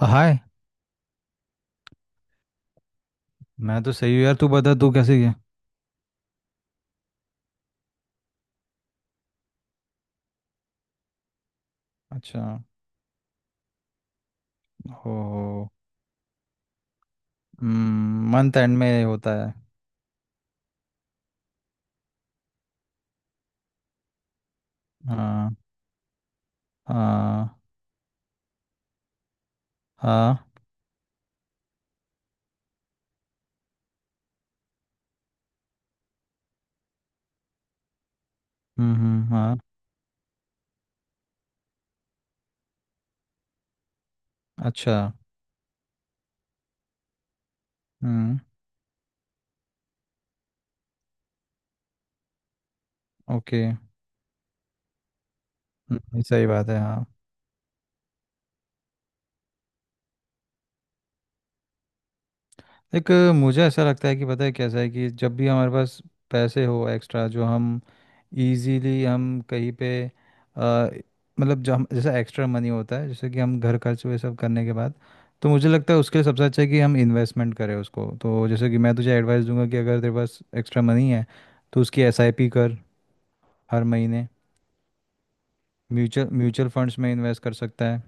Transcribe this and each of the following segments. हाय। मैं तो सही हूँ यार, तू बता तू कैसी है। अच्छा। हो। मंथ एंड में होता है। हाँ। हाँ। हाँ। हाँ। अच्छा। हम्म। ओके। सही बात है, हाँ। एक मुझे ऐसा लगता है कि पता है कैसा है कि जब भी हमारे पास पैसे हो एक्स्ट्रा जो हम इजीली हम कहीं पे अ, मतलब जो हम जैसा एक्स्ट्रा मनी होता है जैसे कि हम घर खर्च वे सब करने के बाद, तो मुझे लगता है उसके लिए सबसे अच्छा है कि हम इन्वेस्टमेंट करें उसको। तो जैसे कि मैं तुझे एडवाइस दूंगा कि अगर तेरे पास एक्स्ट्रा मनी है तो उसकी एसआईपी कर हर महीने। म्यूचुअल म्यूचुअल फंड्स में इन्वेस्ट कर सकता है।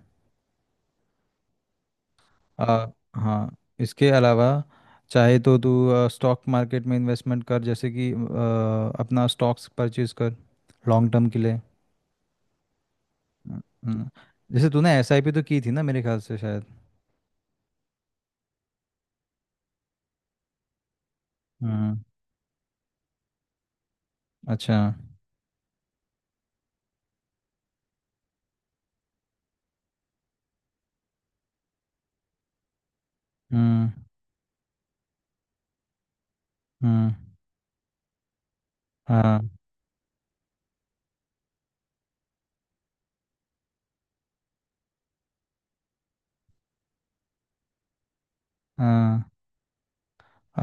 आ, हाँ इसके अलावा चाहे तो तू स्टॉक मार्केट में इन्वेस्टमेंट कर, जैसे कि अपना स्टॉक्स परचेज कर लॉन्ग टर्म के लिए। हम्म, हम्म। जैसे तूने एसआईपी तो की थी ना मेरे ख्याल से, शायद। हम्म। अच्छा। हम्म। हम्म। हाँ। हाँ।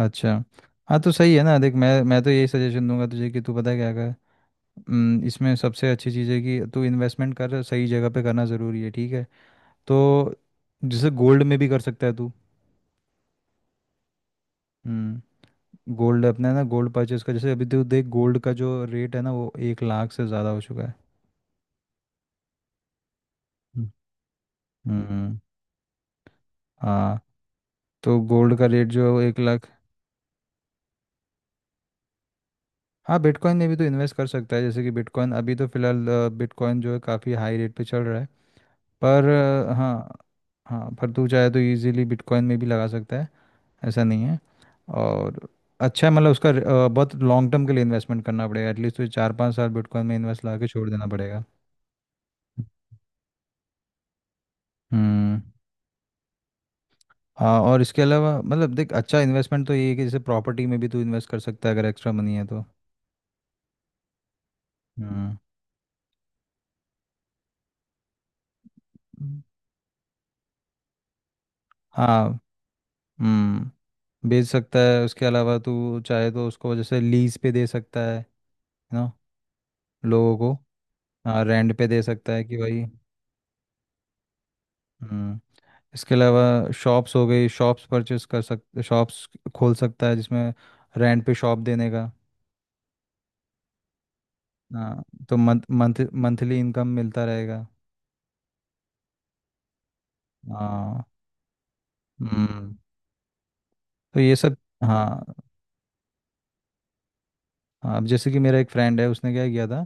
अच्छा। हाँ तो सही है ना, देख मैं तो यही सजेशन दूंगा तुझे कि तू पता है क्या कर। इसमें सबसे अच्छी चीज़ है कि तू इन्वेस्टमेंट कर, सही जगह पे करना ज़रूरी है। ठीक है तो जैसे गोल्ड में भी कर सकता है तू। हम्म, गोल्ड अपना है ना, गोल्ड परचेस का। जैसे अभी तो देख गोल्ड का जो रेट है ना वो 1 लाख से ज़्यादा हो चुका है। हम्म। हम्म। हाँ। तो गोल्ड का रेट जो है वो एक लाख। हाँ बिटकॉइन में भी तो इन्वेस्ट कर सकता है, जैसे कि बिटकॉइन अभी तो फिलहाल बिटकॉइन जो है काफ़ी हाई रेट पे चल रहा है। पर हाँ। हाँ पर तू चाहे तो इजीली बिटकॉइन में भी लगा सकता है, ऐसा नहीं है। और अच्छा है, मतलब उसका बहुत लॉन्ग टर्म के लिए इन्वेस्टमेंट करना पड़ेगा, एटलीस्ट तुझे 4 5 साल बिटकॉइन में इन्वेस्ट लगा के छोड़ देना पड़ेगा। हम्म। हाँ और इसके अलावा मतलब देख अच्छा इन्वेस्टमेंट तो ये है कि जैसे प्रॉपर्टी में भी तू इन्वेस्ट कर सकता है, अगर एक्स्ट्रा मनी है तो। हम्म। हम्म। हाँ। बेच सकता है, उसके अलावा तू चाहे तो उसको जैसे लीज पे दे सकता है ना लोगों को। हाँ रेंट पे दे सकता है कि भाई। हम्म, इसके अलावा शॉप्स हो गई, शॉप्स परचेस कर सकते, शॉप्स खोल सकता है जिसमें रेंट पे शॉप देने का। हाँ तो मंथ मंथ मंथली इनकम मिलता रहेगा। हाँ। हम्म तो ये सब। हाँ हाँ, अब जैसे कि मेरा एक फ्रेंड है उसने क्या किया था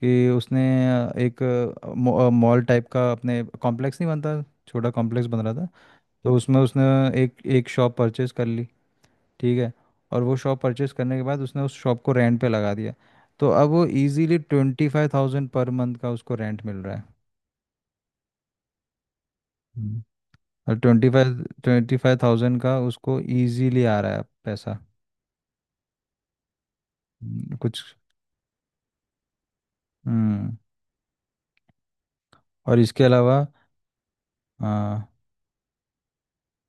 कि उसने एक मॉल टाइप का अपने कॉम्प्लेक्स नहीं बनता, छोटा कॉम्प्लेक्स बन रहा था, तो उसमें उसने एक एक शॉप परचेस कर ली। ठीक है। और वो शॉप परचेस करने के बाद उसने उस शॉप को रेंट पे लगा दिया। तो अब वो इजीली 25,000 पर मंथ का उसको रेंट मिल रहा है। हम्म, और ट्वेंटी फाइव थाउजेंड का उसको इजीली आ रहा है पैसा। कुछ। हम्म और इसके अलावा हाँ,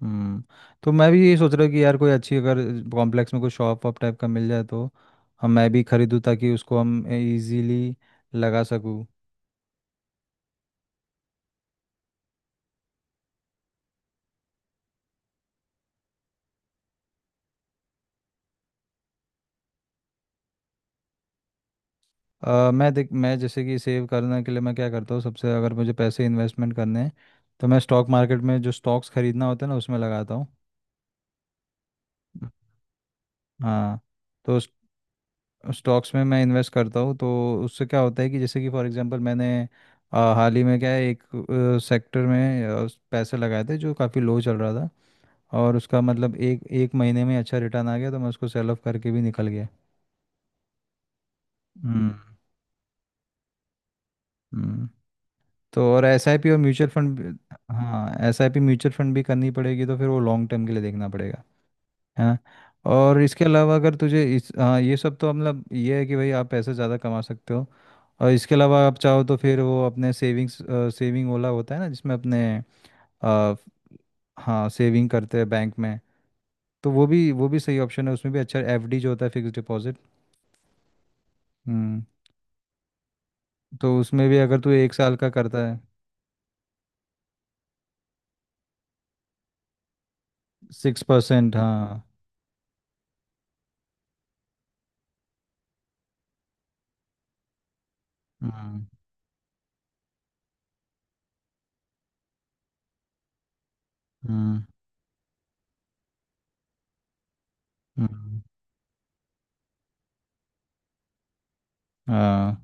हम्म तो मैं भी यही सोच रहा हूँ कि यार कोई अच्छी अगर कॉम्प्लेक्स में कोई शॉप वॉप टाइप का मिल जाए तो हम मैं भी खरीदूँ ताकि उसको हम इजीली लगा सकूँ। मैं देख मैं जैसे कि सेव करने के लिए मैं क्या करता हूँ, सबसे अगर मुझे पैसे इन्वेस्टमेंट करने हैं तो मैं स्टॉक मार्केट में जो स्टॉक्स खरीदना होता है ना उसमें लगाता हूँ। हाँ तो स्टॉक्स में मैं इन्वेस्ट करता हूँ, तो उससे क्या होता है कि जैसे कि फॉर एग्जांपल मैंने हाल ही में क्या है एक सेक्टर में पैसे लगाए थे जो काफ़ी लो चल रहा था, और उसका मतलब एक एक महीने में अच्छा रिटर्न आ गया तो मैं उसको सेल ऑफ करके भी निकल गया। हम्म। हम्म तो और एसआईपी और म्यूचुअल फंड। हाँ एसआईपी म्यूचुअल फंड भी करनी पड़ेगी, तो फिर वो लॉन्ग टर्म के लिए देखना पड़ेगा, है ना। और इसके अलावा अगर तुझे इस हाँ ये सब तो मतलब ये है कि भाई आप पैसे ज़्यादा कमा सकते हो। और इसके अलावा आप चाहो तो फिर वो अपने सेविंग्स, सेविंग ओला होता है ना जिसमें अपने अ, हाँ सेविंग करते हैं बैंक में। तो वो भी सही ऑप्शन है, उसमें भी अच्छा एफडी जो होता है फिक्स डिपॉजिट। हम्म तो उसमें भी अगर तू 1 साल का करता है, 6% हाँ। हम्म। हम्म। हम्म। हाँ।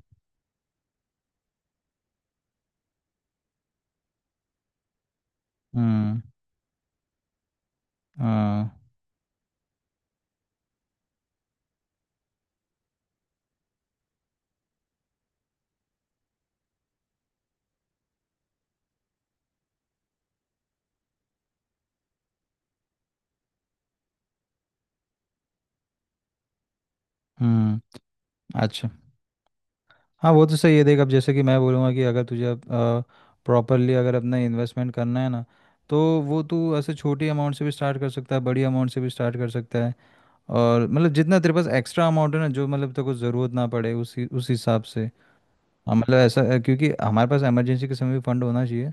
हम्म। हाँ। हम्म। अच्छा। हाँ वो तो सही है, देख अब जैसे कि मैं बोलूँगा कि अगर तुझे प्रॉपरली अगर अपना इन्वेस्टमेंट करना है ना, तो वो तू ऐसे छोटी अमाउंट से भी स्टार्ट कर सकता है, बड़ी अमाउंट से भी स्टार्ट कर सकता है। और मतलब जितना तेरे पास एक्स्ट्रा अमाउंट है ना जो मतलब तेरे को ज़रूरत ना पड़े, उसी उस हिसाब से। हाँ, मतलब ऐसा है, क्योंकि हमारे पास इमरजेंसी के समय भी फंड होना चाहिए,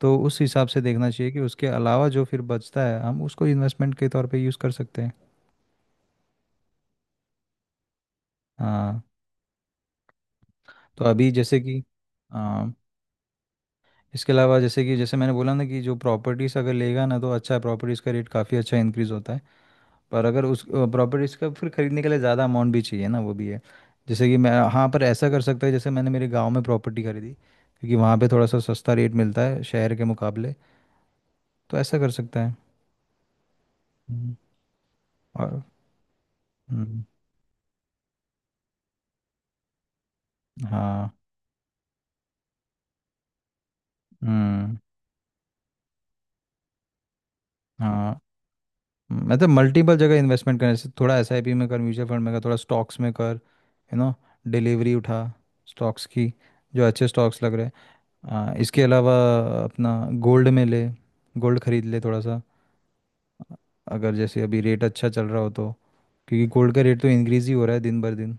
तो उस हिसाब से देखना चाहिए कि उसके अलावा जो फिर बचता है हम उसको इन्वेस्टमेंट के तौर पे यूज़ कर सकते हैं। हाँ तो अभी जैसे कि हाँ, इसके अलावा जैसे कि जैसे मैंने बोला ना कि जो प्रॉपर्टीज़ अगर लेगा ना तो अच्छा है, प्रॉपर्टीज़ का रेट काफ़ी अच्छा इंक्रीज़ होता है। पर अगर उस प्रॉपर्टीज़ का फिर खरीदने के लिए ज़्यादा अमाउंट भी चाहिए ना, वो भी है। जैसे कि मैं हाँ पर ऐसा कर सकता है, जैसे मैंने मेरे गांव में प्रॉपर्टी खरीदी क्योंकि वहाँ पे थोड़ा सा सस्ता रेट मिलता है शहर के मुकाबले। तो ऐसा कर सकता है। हम्म, और हम्म, हाँ हम्म, हाँ मतलब मल्टीपल जगह इन्वेस्टमेंट करने से, थोड़ा एसआईपी में कर, म्यूचुअल फंड में कर, थोड़ा स्टॉक्स में कर, यू नो डिलीवरी उठा स्टॉक्स की, जो अच्छे स्टॉक्स लग रहे हैं। हाँ इसके अलावा अपना गोल्ड में ले, गोल्ड खरीद ले थोड़ा सा अगर जैसे अभी रेट अच्छा चल रहा हो तो, क्योंकि गोल्ड का रेट तो इंक्रीज ही हो रहा है दिन भर दिन।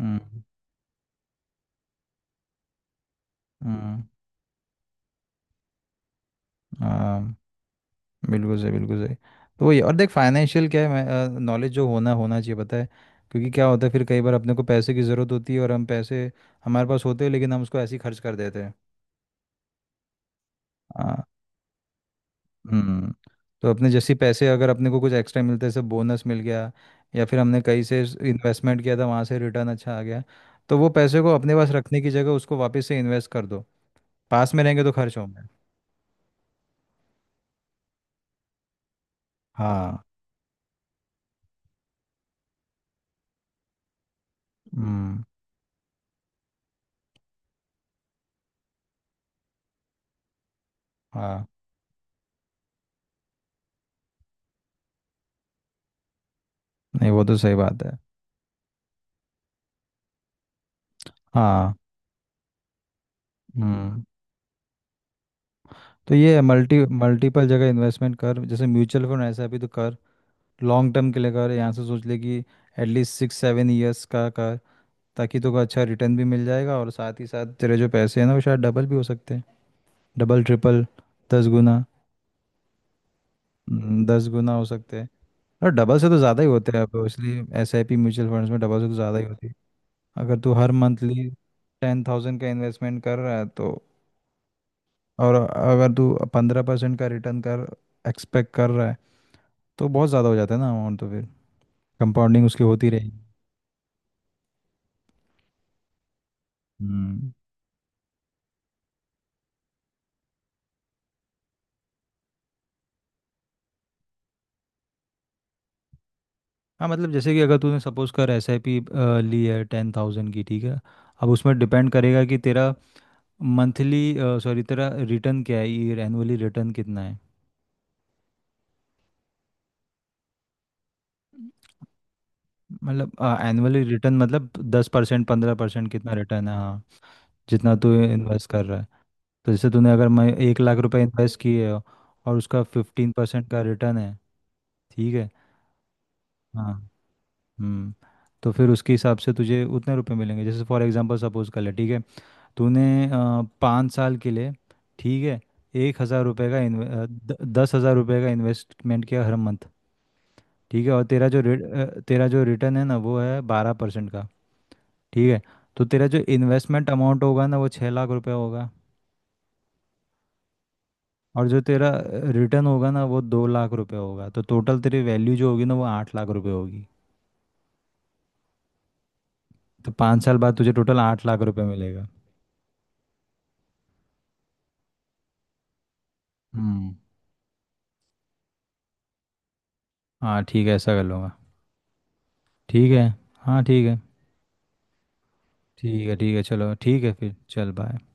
हम्म। हम्म। हाँ बिल्कुल सही, बिल्कुल सही। तो वही और देख फाइनेंशियल क्या है नॉलेज जो होना होना चाहिए, पता है, क्योंकि क्या होता है फिर कई बार अपने को पैसे की ज़रूरत होती है और हम पैसे हमारे पास होते हैं लेकिन हम उसको ऐसे ही खर्च कर देते हैं। हम्म तो अपने जैसे पैसे अगर अपने को कुछ एक्स्ट्रा मिलता है, जैसे बोनस मिल गया या फिर हमने कहीं से इन्वेस्टमेंट किया था वहाँ से रिटर्न अच्छा आ गया, तो वो पैसे को अपने पास रखने की जगह उसको वापस से इन्वेस्ट कर दो। पास में रहेंगे तो खर्च होंगे। हाँ। हम्म। हाँ नहीं, वो तो सही बात है। हाँ। हम्म तो ये मल्टीपल जगह इन्वेस्टमेंट कर, जैसे म्यूचुअल फंड ऐसा भी तो कर लॉन्ग टर्म के लिए। कर यहाँ से सोच ले कि एटलीस्ट 6 7 ईयर्स का कर, ताकि तुमको अच्छा रिटर्न भी मिल जाएगा और साथ ही साथ तेरे जो पैसे हैं ना वो शायद डबल भी हो सकते हैं, डबल ट्रिपल, 10 गुना। 10 गुना हो सकते हैं। और डबल से तो ज़्यादा ही होते हैं अब, इसलिए S I P mutual funds में डबल से तो ज़्यादा ही होती है। अगर तू हर मंथली 10,000 का इन्वेस्टमेंट कर रहा है तो, और अगर तू 15% का रिटर्न कर एक्सपेक्ट कर रहा है, तो बहुत ज़्यादा हो जाता है ना अमाउंट, तो फिर कंपाउंडिंग उसकी होती रहेगी। हम्म। हाँ मतलब जैसे कि अगर तूने सपोज कर एसआईपी ली है 10,000 की, ठीक है। अब उसमें डिपेंड करेगा कि तेरा मंथली सॉरी तेरा रिटर्न क्या है, ये एनुअली रिटर्न कितना है। मतलब एनुअली रिटर्न मतलब 10%, 15%, कितना रिटर्न है। हाँ जितना तू इन्वेस्ट कर रहा है। तो जैसे तूने अगर मैं 1 लाख रुपए इन्वेस्ट किए हो और उसका 15% का रिटर्न है, ठीक है। हाँ। हम्म तो फिर उसके हिसाब से तुझे उतने रुपए मिलेंगे। जैसे फॉर एग्जांपल सपोज कर ले, ठीक है। तूने 5 साल के लिए, ठीक है, एक हज़ार रुपये का इन्वे अ, द, 10,000 रुपये का इन्वेस्टमेंट किया हर मंथ। ठीक है और तेरा जो तेरा जो रिटर्न है ना वो है 12% का, ठीक है। तो तेरा जो इन्वेस्टमेंट अमाउंट होगा ना वो 6 लाख रुपये होगा। और जो तेरा रिटर्न होगा ना वो 2 लाख रुपये होगा, तो टोटल तेरी वैल्यू जो होगी ना वो 8 लाख रुपये होगी। तो 5 साल बाद तुझे टोटल 8 लाख रुपये मिलेगा। हम्म। हाँ ठीक है ऐसा कर लूँगा। ठीक है। हाँ ठीक है। ठीक है। ठीक है चलो, ठीक है फिर चल, बाय।